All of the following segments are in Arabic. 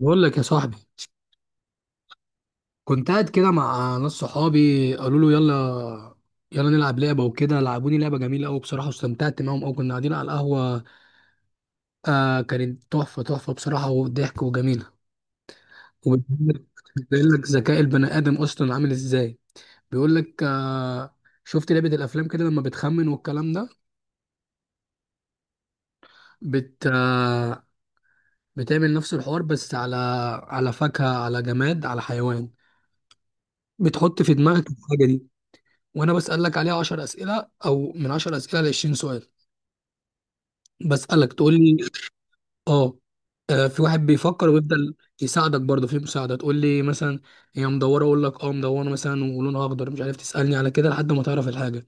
بقول لك يا صاحبي، كنت قاعد كده مع ناس صحابي، قالوا له يلا يلا نلعب لعبه وكده. لعبوني لعبه جميله قوي بصراحه، واستمتعت معاهم قوي. كنا قاعدين على القهوه. كانت تحفه تحفه بصراحه وضحك وجميله. وبتبين لك ذكاء البني ادم اصلا عامل ازاي. بيقول لك شفت لعبه الافلام كده لما بتخمن والكلام ده. بت آه بتعمل نفس الحوار، بس على فاكهه، على جماد، على حيوان. بتحط في دماغك الحاجه دي، وانا بسألك عليها 10 اسئله، او من 10 اسئله ل 20 سؤال. بسألك تقول لي اه. في واحد بيفكر ويفضل يساعدك برضه في مساعده. تقول لي مثلا هي مدوره، اقول لك مدوره مثلا ولونها اخضر، مش عارف تسألني على كده لحد ما تعرف الحاجه.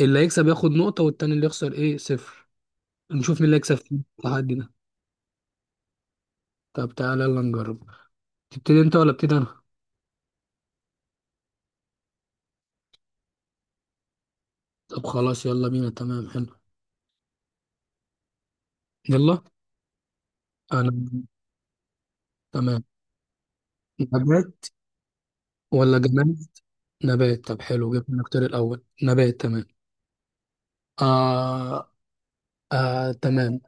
اللي هيكسب ياخد نقطه، والتاني اللي يخسر ايه صفر. نشوف مين اللي هيكسب في التحدي ده. طب تعالى يلا نجرب. تبتدي انت ولا ابتدي انا؟ طب خلاص يلا بينا. تمام حلو. يلا. انا تمام. نبات ولا جماد؟ نبات، طب حلو، جبنا نختار الاول نبات. تمام. آه تمام.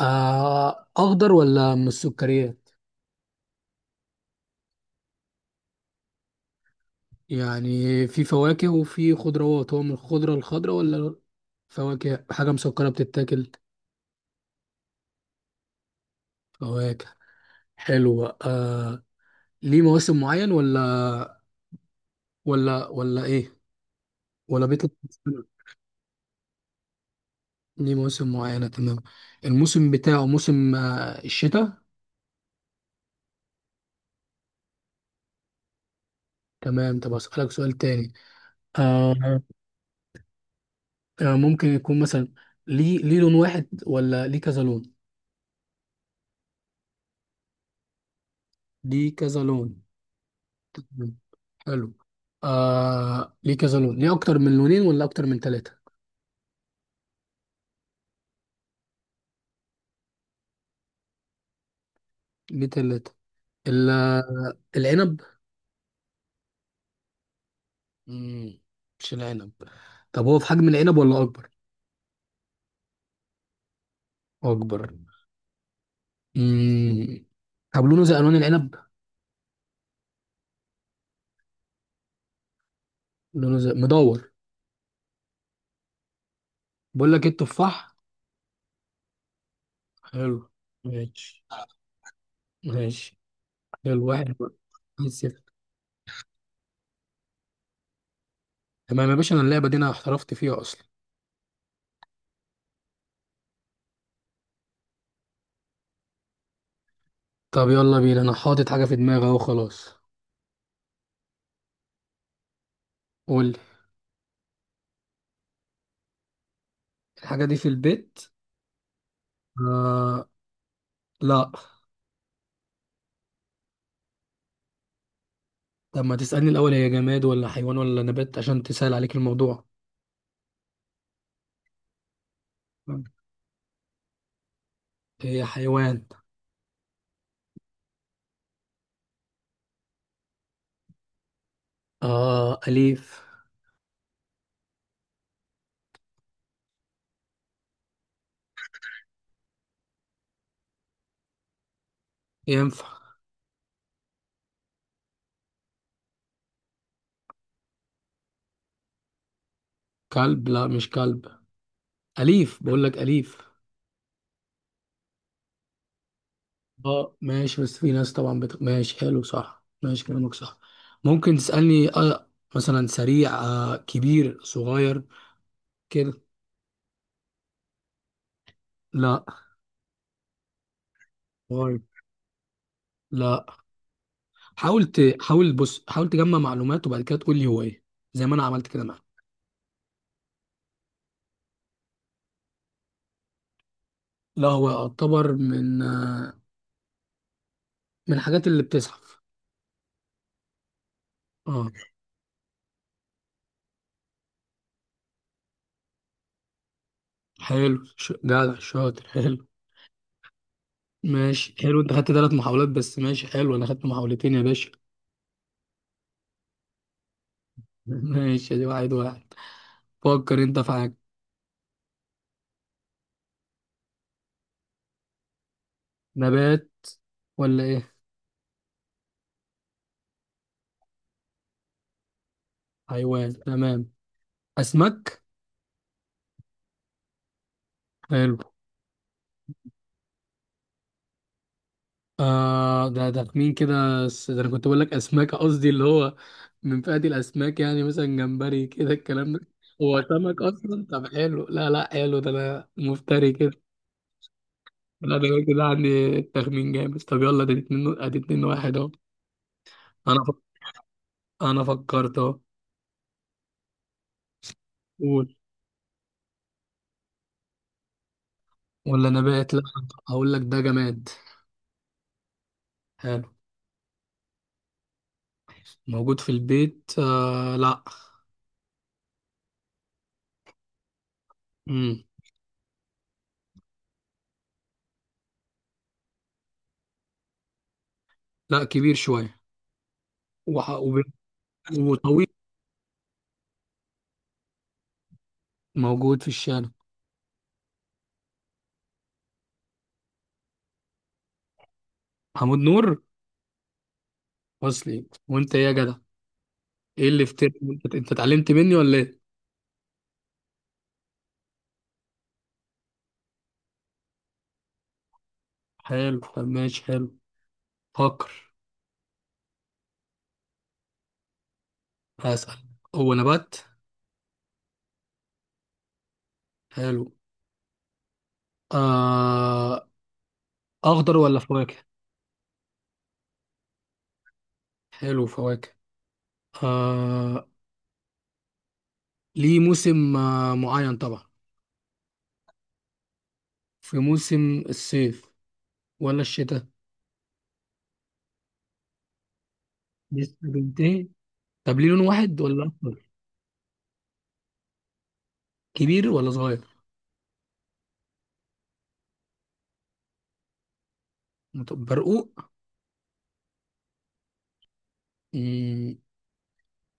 أخضر ولا من السكريات؟ يعني في فواكه وفي خضروات، هو من الخضرة الخضرة ولا فواكه، حاجة مسكرة بتتاكل؟ فواكه، حلو. ليه مواسم معين، ولا إيه؟ ولا بيطلع في السنة؟ ليه مواسم معينة، تمام. الموسم بتاعه موسم الشتاء؟ تمام، طب أسألك سؤال تاني. آه ممكن يكون مثلا ليه لون واحد ولا ليه كذا لون؟ ليه كذا لون. مم. حلو. ليه كذا لون، ليه اكتر من لونين ولا اكتر من ثلاثة؟ ليه ثلاثة؟ العنب؟ مم. مش العنب. طب هو في حجم العنب ولا اكبر؟ اكبر. مم. طب لونه زي الوان العنب. لونه زي مدور. بقول لك ايه، التفاح. حلو، ماشي. ماشي حلو، واحد واحد. صفر. تمام يا باشا، انا اللعبة دي انا احترفت فيها اصلا. طب يلا بينا، انا حاطط حاجة في دماغي اهو، خلاص. قول لي. الحاجة دي في البيت؟ آه لا. طب ما تسألني الأول هي جماد ولا حيوان ولا نبات عشان تسهل عليك الموضوع. هي حيوان. أليف. ينفع. كلب؟ لا مش كلب، أليف بقول لك، أليف. اه ماشي، بس في ناس طبعا ماشي، حلو صح، ماشي كلامك صح. ممكن تسألني، مثلا سريع، كبير، صغير، كده. لا صغير. لا حاول حاول بص حاول تجمع معلومات، وبعد كده تقول لي هو ايه. زي ما انا عملت كده معاك. لا هو يعتبر من من الحاجات اللي بتزحف. اه. حلو جدع شاطر، حلو. ماشي حلو، انت خدت ثلاث محاولات بس، ماشي حلو، انا خدت محاولتين يا باشا. ماشي، ادي واحد واحد. فكر انت في حاجة. نبات ولا ايه؟ حيوان. تمام. اسماك. حلو. ده مين كده ده انا كنت بقول لك اسماك قصدي اللي هو من فئة الاسماك، يعني مثلا جمبري كده الكلام ده هو سمك اصلا. طب حلو، لا لا حلو، ده انا مفتري كده. لا ده أنا كده عندي التخمين جامد. طب يلا ده اتنين، ادي اتنين واحد اهو. انا فك... انا فكرت اهو. قول. ولا نبات؟ لا. هقول لك ده جماد. حلو. موجود في البيت؟ لا. مم. لا كبير شويه، وح... وب... وطويل. موجود في الشارع. محمود نور، وصلي وانت ايه يا جدع. ايه اللي فتر، انت اتعلمت مني ولا ايه؟ حلو. طب ماشي، حلو. فكر. هسأل. هو نبات؟ حلو. آه... اخضر ولا فواكه؟ حلو فواكه. آه... ليه موسم معين طبعا. في موسم الصيف ولا الشتاء؟ لسه بينتهي. طب ليه لون واحد ولا اكتر؟ كبير ولا صغير؟ طب برقوق؟ مم.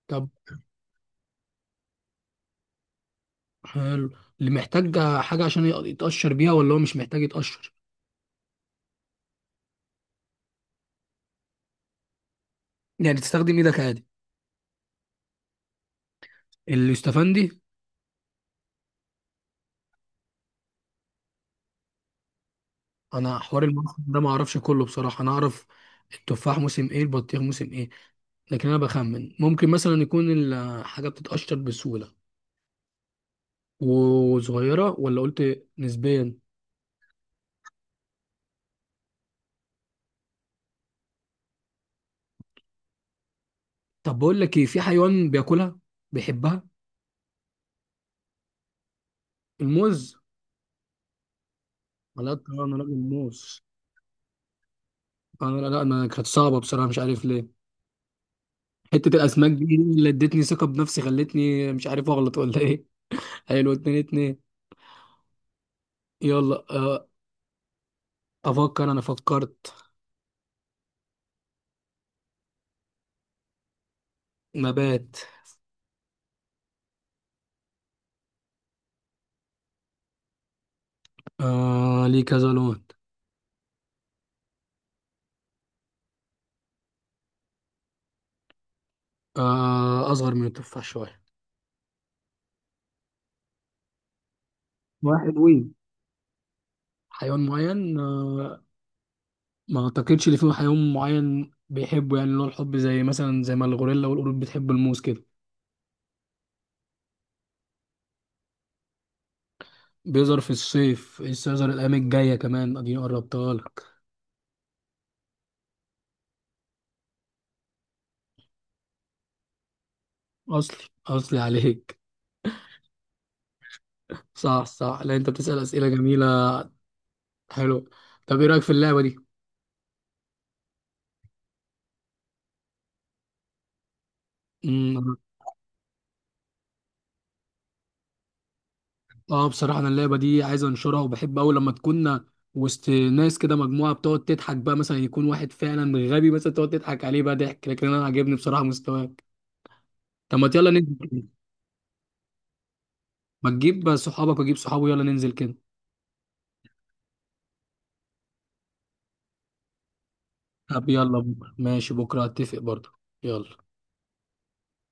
طب حلو. اللي محتاج حاجه عشان يتقشر بيها ولا هو مش محتاج يتقشر. يعني تستخدم ايدك عادي. اليوستفندي. انا حوار الموسم ده ما اعرفش كله بصراحه، انا اعرف التفاح موسم ايه، البطيخ موسم ايه، لكن انا بخمن ممكن مثلا يكون الحاجه بتتقشر بسهوله وصغيره، ولا قلت نسبيا. طب بقول لك ايه، في حيوان بياكلها بيحبها. الموز. لا طبعا انا راجل موز. انا لا لا انا كانت صعبه بصراحه مش عارف ليه، حته الاسماك دي اللي ادتني ثقه بنفسي خلتني مش عارف اغلط ولا ايه. حلو، اتنين اتنين. يلا، افكر. انا فكرت. نبات. ليه كذا لون. اصغر من التفاح شويه واحد وين. حيوان معين، ما اعتقدش ان في حيوان معين بيحبه يعني اللي هو الحب، زي مثلا زي ما الغوريلا والقرود بتحب الموز كده. بيظهر في الصيف لسه يظهر الأيام الجاية كمان، اديني قربتها لك. أصلي. أصلي عليك. صح صح، لا أنت بتسأل أسئلة جميلة. حلو. طب إيه رأيك في اللعبة دي؟ امم بصراحة أنا اللعبة دي عايز أنشرها، وبحب أوي لما تكون وسط ناس كده مجموعة بتقعد تضحك بقى، مثلا يكون واحد فعلا غبي مثلا تقعد تضحك عليه بقى ضحك. لكن أنا عاجبني بصراحة مستواك. طب ما يلا ننزل كده، ما تجيب صحابك وأجيب صحابي، يلا ننزل كده. طب يلا بكرة، ماشي بكرة هتفق برضه. يلا